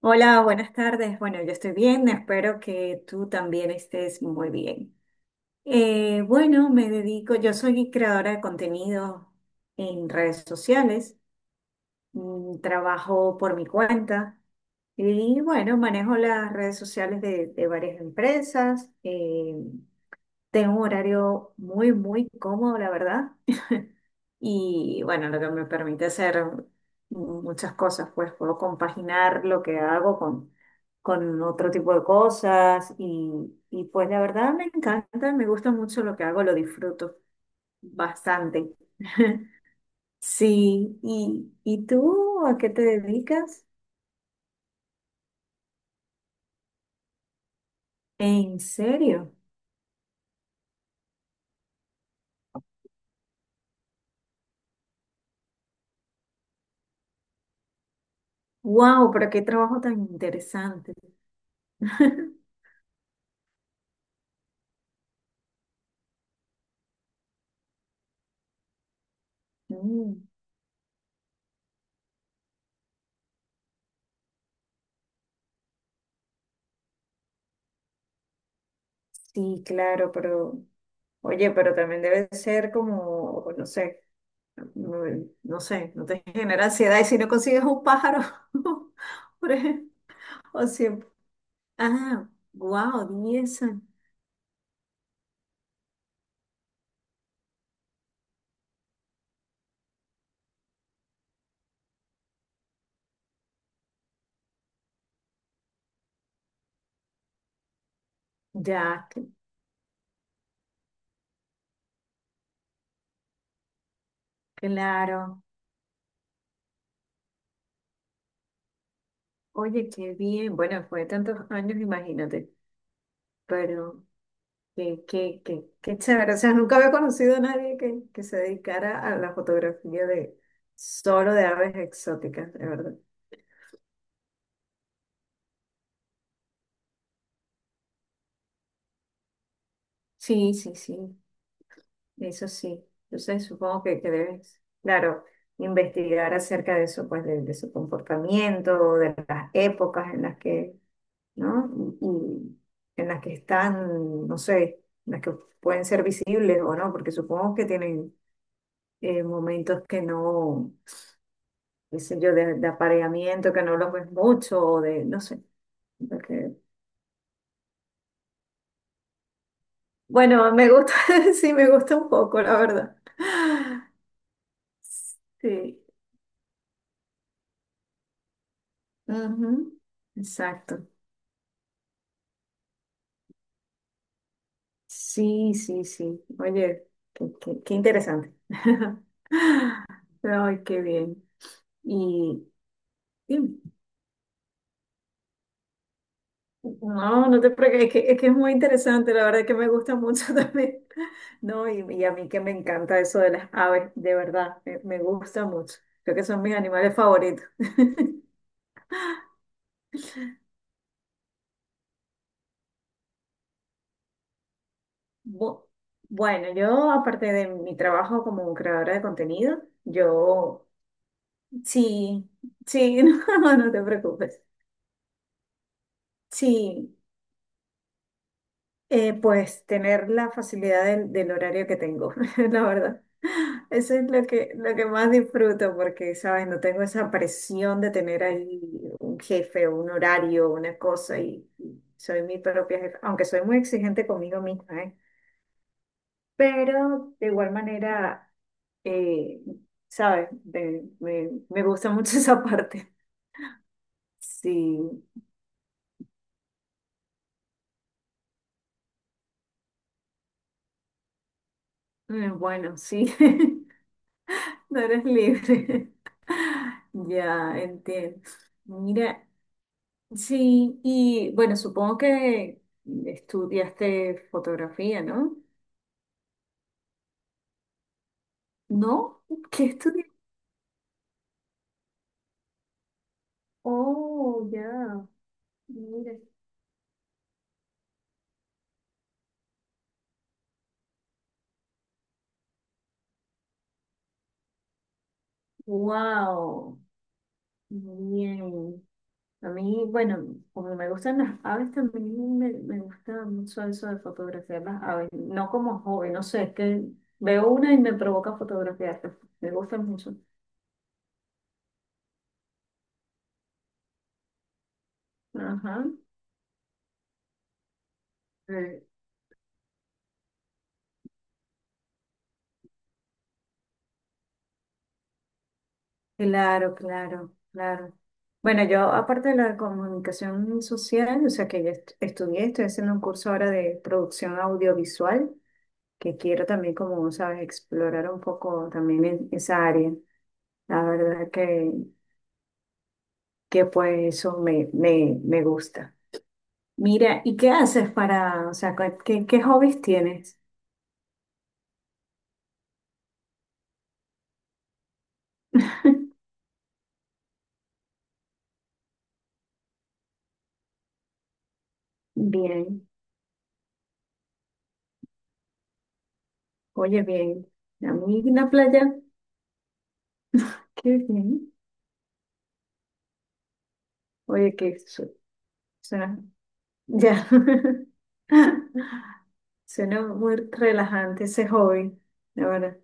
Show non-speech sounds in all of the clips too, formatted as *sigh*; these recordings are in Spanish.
Hola, buenas tardes. Bueno, yo estoy bien, espero que tú también estés muy bien. Bueno, me dedico, yo soy creadora de contenido en redes sociales. Trabajo por mi cuenta y bueno, manejo las redes sociales de varias empresas. Tengo un horario muy, muy cómodo, la verdad. Y bueno, lo que me permite hacer muchas cosas, pues puedo compaginar lo que hago con otro tipo de cosas y pues la verdad me encanta, me gusta mucho lo que hago, lo disfruto bastante. *laughs* Sí, ¿y tú a qué te dedicas? ¿En serio? ¡Wow! Pero qué trabajo tan interesante. *laughs* Mm, sí, claro, pero oye, pero también debe ser como, no sé. no no sé, no te genera ansiedad. ¿Y si no consigues un pájaro, *laughs* por ejemplo, o siempre? Ah, wow, 10 años. Ya, claro. Oye, qué bien. Bueno, fue de tantos años, imagínate. Pero qué, qué, qué, qué chévere. O sea, nunca había conocido a nadie que se dedicara a la fotografía de solo de aves exóticas, de verdad. Sí, sí, sí. Eso sí, entonces supongo que debes, claro, investigar acerca de eso, pues de su comportamiento, de las épocas en las que, ¿no? Y, y en las que están, no sé, en las que pueden ser visibles o no, porque supongo que tienen momentos que no, qué sé yo, de apareamiento, que no los ves mucho, o de, no sé, porque, bueno, me gusta, *laughs* sí, me gusta un poco, la verdad. Sí. Ujú. Exacto. Sí, sí, sí. Oye, qué, qué interesante. *laughs* Ay, qué bien. Y, y- no, no te preocupes, es que, es que es muy interesante, la verdad que me gusta mucho *laughs* también. No, y a mí que me encanta eso de las aves, de verdad, me gusta mucho. Creo que son mis animales favoritos. *laughs* Bu- Bueno, yo aparte de mi trabajo como creadora de contenido, yo sí, sí, *laughs* no, no te preocupes. Sí. Pues tener la facilidad del horario que tengo, *laughs* la verdad. Eso es lo que más disfruto porque, ¿sabes? No tengo esa presión de tener ahí un jefe, un horario, una cosa y soy mi propia jefa, aunque soy muy exigente conmigo misma, ¿eh? Pero de igual manera, eh, ¿sabes? Me gusta mucho *laughs* esa parte. Sí, bueno, sí, *laughs* no eres libre. *laughs* Ya, entiendo. Mira, sí, y bueno, supongo que estudiaste fotografía, ¿no? ¿No? ¿Qué estudiaste? Oh, ya. Mira. Wow. Muy bien. A mí, bueno, como me gustan las aves, también me gusta mucho eso de fotografiar las aves. No como hobby, no sé, es que veo una y me provoca fotografiarla. Me gusta mucho. Ajá. Claro, claro, claro. Bueno, yo aparte de la comunicación social, o sea que ya estudié, estoy haciendo un curso ahora de producción audiovisual, que quiero también, como sabes, explorar un poco también en esa área. La verdad que pues eso me, me, me gusta. Mira, ¿y qué haces para, o sea, qué, qué hobbies tienes? Bien, oye, bien. A mí una playa, qué bien. Oye, qué, o sea, ya. *laughs* Suena muy relajante ese hobby, la verdad.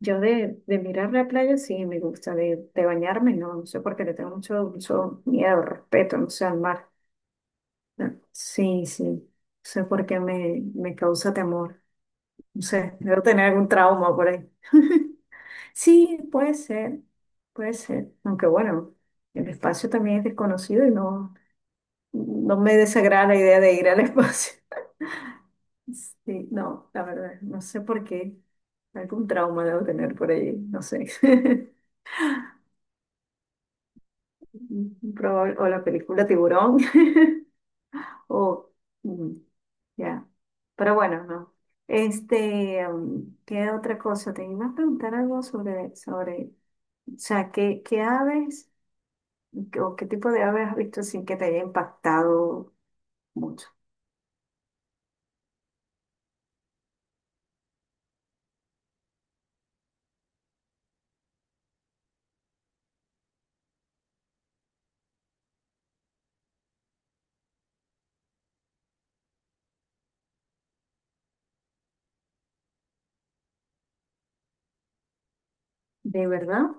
Yo de mirar la playa sí me gusta, de bañarme no, no sé por qué le tengo mucho, mucho miedo, respeto, no sé, al mar. No, sí, sí, no sé por qué me, me causa temor, no sé, debo tener algún trauma por ahí. Sí, puede ser, aunque bueno, el espacio también es desconocido y no, no me desagrada la idea de ir al *laughs* espacio. Sí, no, la verdad, no sé por qué. Algún trauma debo tener por ahí, no sé. *laughs* O la película Tiburón, *laughs* o mm, ya. Pero bueno, no. Este, ¿qué otra cosa? Te iba a preguntar algo sobre, sobre, o sea, ¿qué, qué aves o qué tipo de aves has visto sin que te haya impactado mucho? ¿De verdad?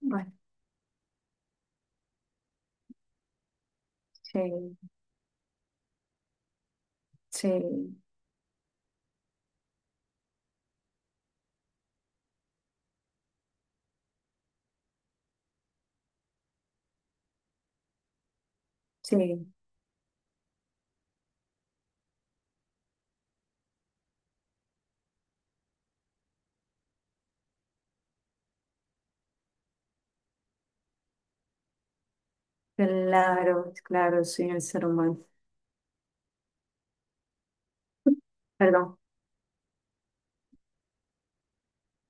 Bueno, sí, sí, sí, claro, claro, sí, el ser humano. Perdón.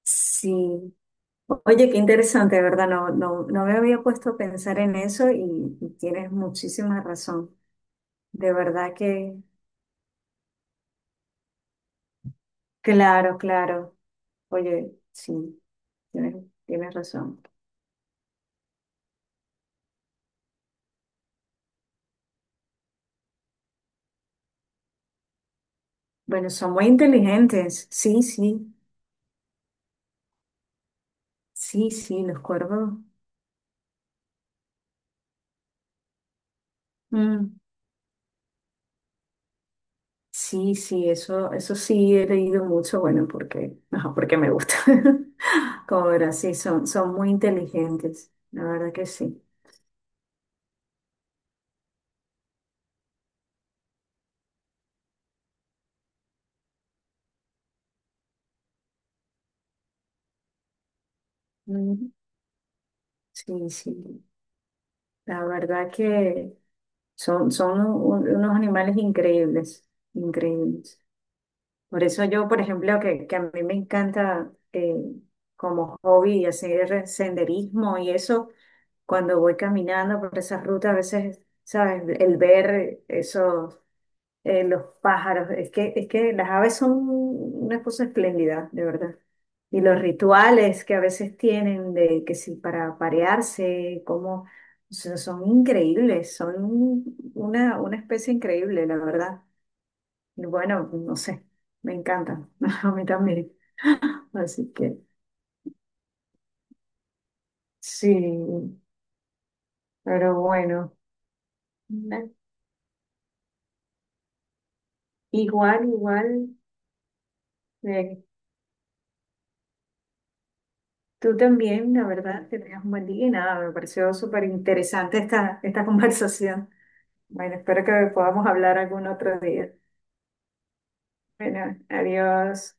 Sí. Oye, qué interesante, ¿verdad? No, no, no me había puesto a pensar en eso y tienes muchísima razón. De verdad que, claro, claro. Oye, sí, tienes, tienes razón. Bueno, son muy inteligentes. Sí, sí, sí, sí, los cuervos. Mm, sí, sí, eso sí he leído mucho, bueno, porque, *laughs* ajá, porque me gusta. *laughs* Como verás, sí, son, son muy inteligentes. La verdad que sí. Mm, sí, sí. La verdad que son, son unos animales increíbles, increíbles. Por eso yo, por ejemplo, que a mí me encanta como hobby hacer senderismo y eso, cuando voy caminando por esas rutas, a veces, ¿sabes? El ver esos los pájaros, es que las aves son una cosa espléndida, de verdad. Y los rituales que a veces tienen de que si para parearse, como son, son increíbles, son una especie increíble, la verdad. Y bueno, no sé, me encantan, *laughs* a mí también. Así que sí, pero bueno, na- igual, igual, eh, tú también, la verdad, que tengas un buen día y nada, me pareció súper interesante esta, esta *laughs* conversación. Bueno, espero que podamos hablar algún otro día. Bueno, adiós.